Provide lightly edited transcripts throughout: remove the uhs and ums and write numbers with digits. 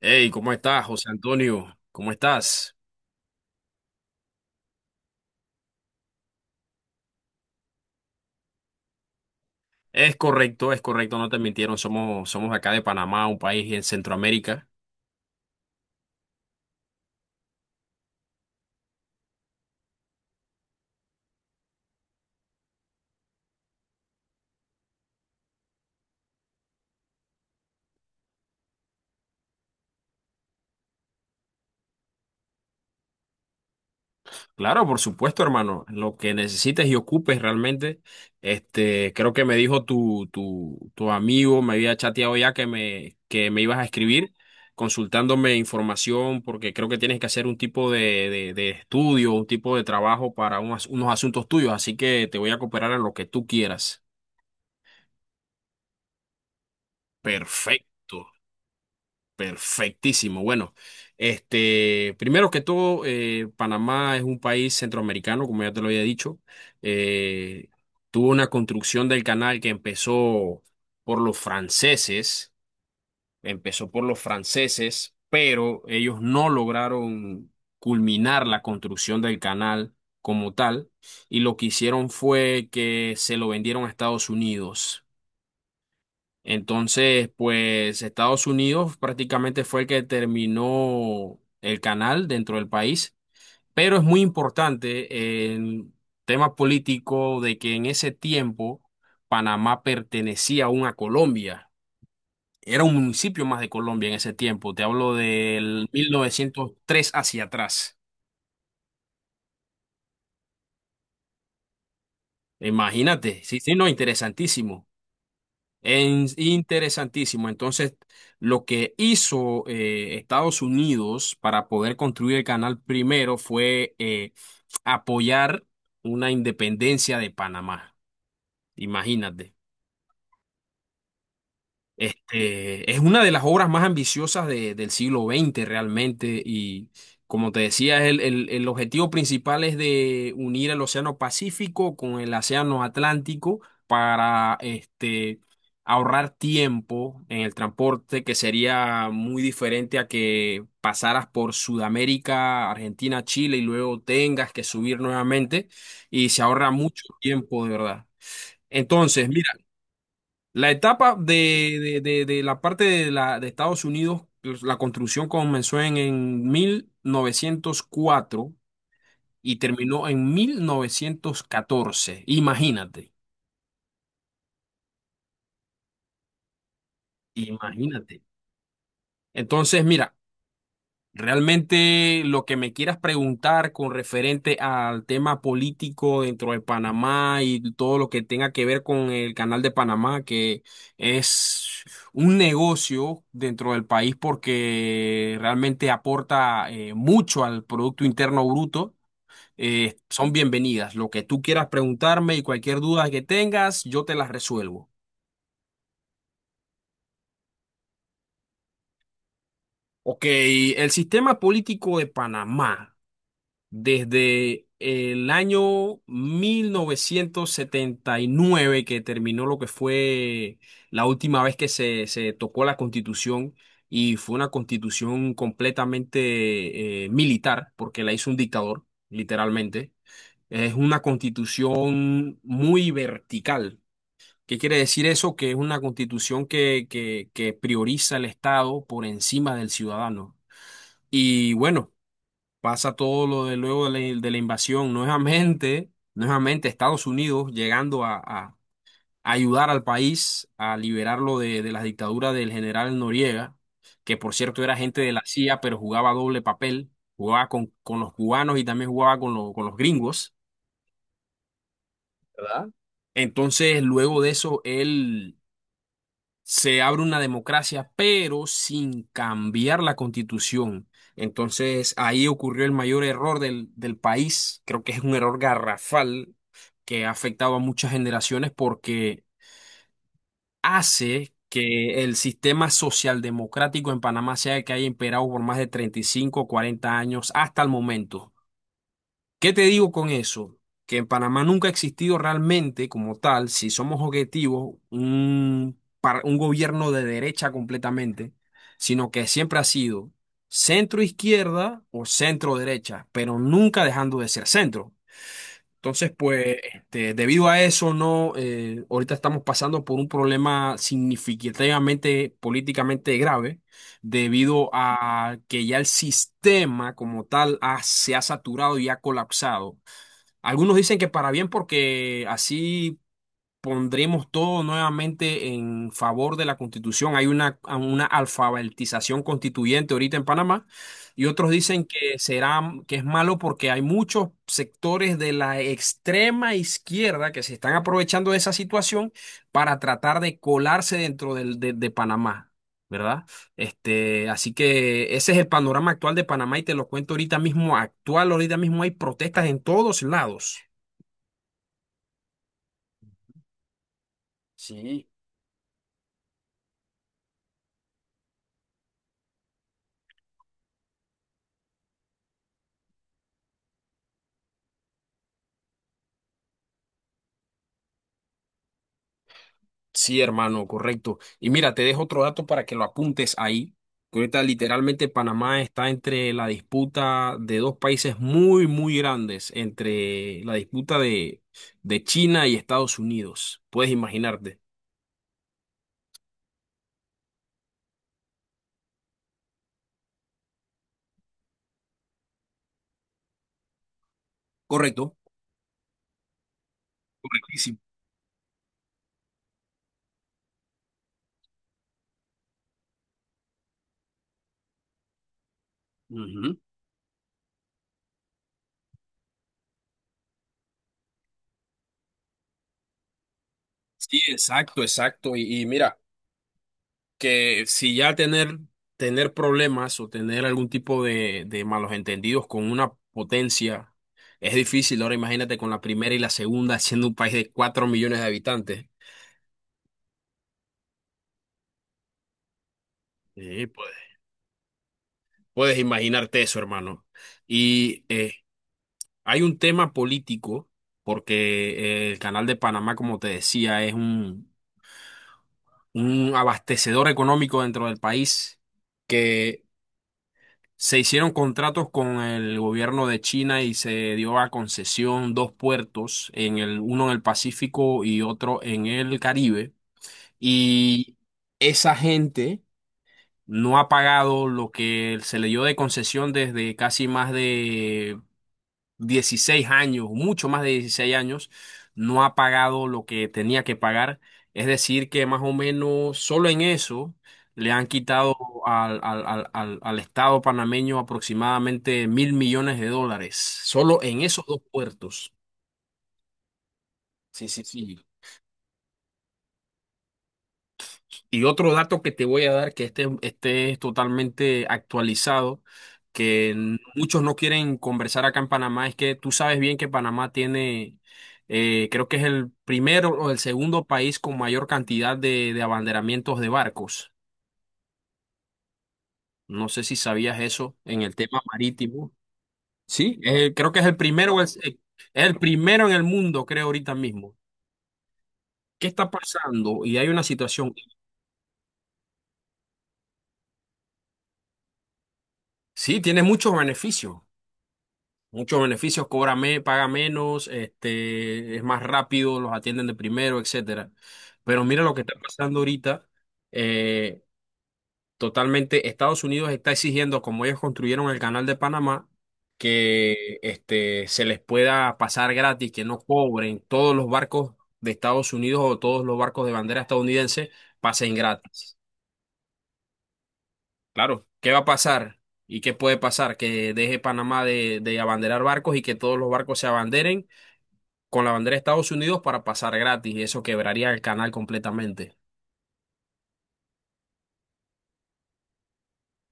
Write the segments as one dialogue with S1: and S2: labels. S1: Hey, ¿cómo estás, José Antonio? ¿Cómo estás? Es correcto, no te mintieron, somos acá de Panamá, un país en Centroamérica. Claro, por supuesto, hermano, lo que necesites y ocupes realmente, creo que me dijo tu amigo, me había chateado ya que que me ibas a escribir, consultándome información, porque creo que tienes que hacer un tipo de estudio, un tipo de trabajo para unos asuntos tuyos, así que te voy a cooperar en lo que tú quieras. Perfecto. Perfectísimo. Bueno, primero que todo, Panamá es un país centroamericano, como ya te lo había dicho. Eh, tuvo una construcción del canal que empezó por los franceses, empezó por los franceses, pero ellos no lograron culminar la construcción del canal como tal, y lo que hicieron fue que se lo vendieron a Estados Unidos. Entonces, pues Estados Unidos prácticamente fue el que terminó el canal dentro del país, pero es muy importante el tema político de que en ese tiempo Panamá pertenecía aún a Colombia. Era un municipio más de Colombia en ese tiempo. Te hablo del 1903 hacia atrás. Imagínate, sí, sí, no, interesantísimo. Interesantísimo. Entonces, lo que hizo Estados Unidos para poder construir el canal primero fue apoyar una independencia de Panamá. Imagínate. Es una de las obras más ambiciosas del siglo XX realmente y como te decía, el objetivo principal es de unir el Océano Pacífico con el Océano Atlántico para ahorrar tiempo en el transporte que sería muy diferente a que pasaras por Sudamérica, Argentina, Chile y luego tengas que subir nuevamente y se ahorra mucho tiempo de verdad. Entonces, la etapa de la parte de Estados Unidos, pues, la construcción comenzó en 1904 y terminó en 1914. Imagínate, imagínate. Entonces, mira, realmente lo que me quieras preguntar con referente al tema político dentro de Panamá y todo lo que tenga que ver con el canal de Panamá, que es un negocio dentro del país porque realmente aporta mucho al Producto Interno Bruto, son bienvenidas. Lo que tú quieras preguntarme y cualquier duda que tengas, yo te las resuelvo. Ok, el sistema político de Panamá. Desde el año 1979 que terminó lo que fue la última vez que se tocó la constitución y fue una constitución completamente militar porque la hizo un dictador, literalmente. Es una constitución muy vertical. ¿Qué quiere decir eso? Que es una constitución que prioriza el Estado por encima del ciudadano. Y bueno pasa todo lo de luego de la invasión, nuevamente, nuevamente Estados Unidos llegando a ayudar al país a liberarlo de la dictadura del general Noriega, que por cierto era gente de la CIA, pero jugaba doble papel, jugaba con los cubanos y también jugaba con los gringos. ¿Verdad? Entonces, luego de eso, él se abre una democracia, pero sin cambiar la constitución. Entonces ahí ocurrió el mayor error del país. Creo que es un error garrafal que ha afectado a muchas generaciones porque hace que el sistema socialdemocrático en Panamá sea el que haya imperado por más de 35 o 40 años hasta el momento. ¿Qué te digo con eso? Que en Panamá nunca ha existido realmente como tal, si somos objetivos, un gobierno de derecha completamente, sino que siempre ha sido centro izquierda o centro derecha, pero nunca dejando de ser centro. Entonces, pues, debido a eso, no, ahorita estamos pasando por un problema significativamente políticamente grave debido a que ya el sistema como tal se ha saturado y ha colapsado. Algunos dicen que para bien porque así pondremos todo nuevamente en favor de la Constitución. Hay una alfabetización constituyente ahorita en Panamá y otros dicen que será, que es malo porque hay muchos sectores de la extrema izquierda que se están aprovechando de esa situación para tratar de colarse dentro de Panamá. ¿Verdad? Así que ese es el panorama actual de Panamá y te lo cuento ahorita mismo, actual, ahorita mismo hay protestas en todos lados. Sí, sí, hermano, correcto. Y mira, te dejo otro dato para que lo apuntes ahí. Que ahorita literalmente Panamá está entre la disputa de dos países muy, muy grandes, entre la disputa de China y Estados Unidos. Puedes imaginarte. Correcto. Correctísimo. Ujú. Sí, exacto, exacto. Y mira, que si ya tener problemas o tener algún tipo de malos entendidos con una potencia es difícil, ahora imagínate con la primera y la segunda siendo un país de 4 millones de habitantes. Sí, puedes, puedes imaginarte eso, hermano. Y hay un tema político, porque el Canal de Panamá, como te decía, es un abastecedor económico dentro del país que se hicieron contratos con el gobierno de China y se dio a concesión dos puertos, en el, uno en el Pacífico y otro en el Caribe. Y esa gente no ha pagado lo que se le dio de concesión desde casi más de 16 años, mucho más de 16 años, no ha pagado lo que tenía que pagar. Es decir, que más o menos solo en eso le han quitado al Estado panameño aproximadamente $1.000 millones, solo en esos dos puertos. Sí, sí, sí. Y otro dato que te voy a dar, que este es totalmente actualizado, que muchos no quieren conversar acá en Panamá, es que tú sabes bien que Panamá tiene, creo que es el primero o el segundo país con mayor cantidad de abanderamientos de barcos. No sé si sabías eso en el tema marítimo. Sí, creo que es el primero, es el primero en el mundo, creo, ahorita mismo. ¿Qué está pasando? Y hay una situación. Sí, tiene muchos beneficios. Muchos beneficios, paga menos, es más rápido, los atienden de primero, etcétera. Pero mira lo que está pasando ahorita. eh, totalmente, Estados Unidos está exigiendo, como ellos construyeron el canal de Panamá, que se les pueda pasar gratis, que no cobren todos los barcos de Estados Unidos o todos los barcos de bandera estadounidense pasen gratis. Claro, ¿qué va a pasar? ¿Y qué puede pasar? Que deje Panamá de abanderar barcos y que todos los barcos se abanderen con la bandera de Estados Unidos para pasar gratis y eso quebraría el canal completamente.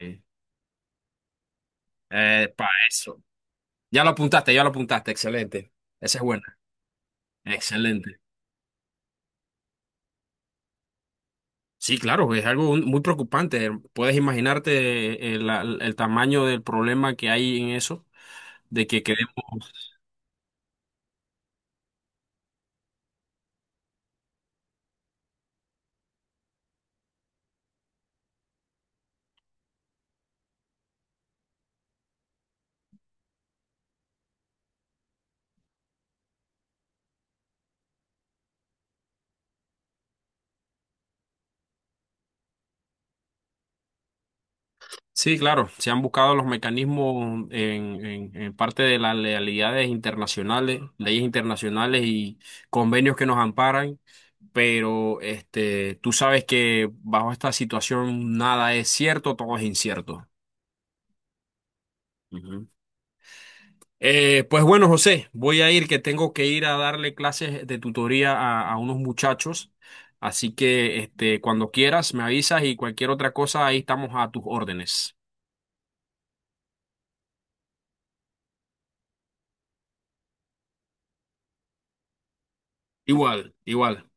S1: Sí. Para eso. Ya lo apuntaste, excelente. Esa es buena, excelente. Sí, claro, es algo muy preocupante. Puedes imaginarte el tamaño del problema que hay en eso, de que queremos sí, claro, se han buscado los mecanismos en parte de las lealidades internacionales, leyes internacionales y convenios que nos amparan, pero tú sabes que bajo esta situación nada es cierto, todo es incierto. Ujú. Pues bueno, José, voy a ir, que tengo que ir a darle clases de tutoría a unos muchachos, así que cuando quieras me avisas y cualquier otra cosa, ahí estamos a tus órdenes. Igual, igual.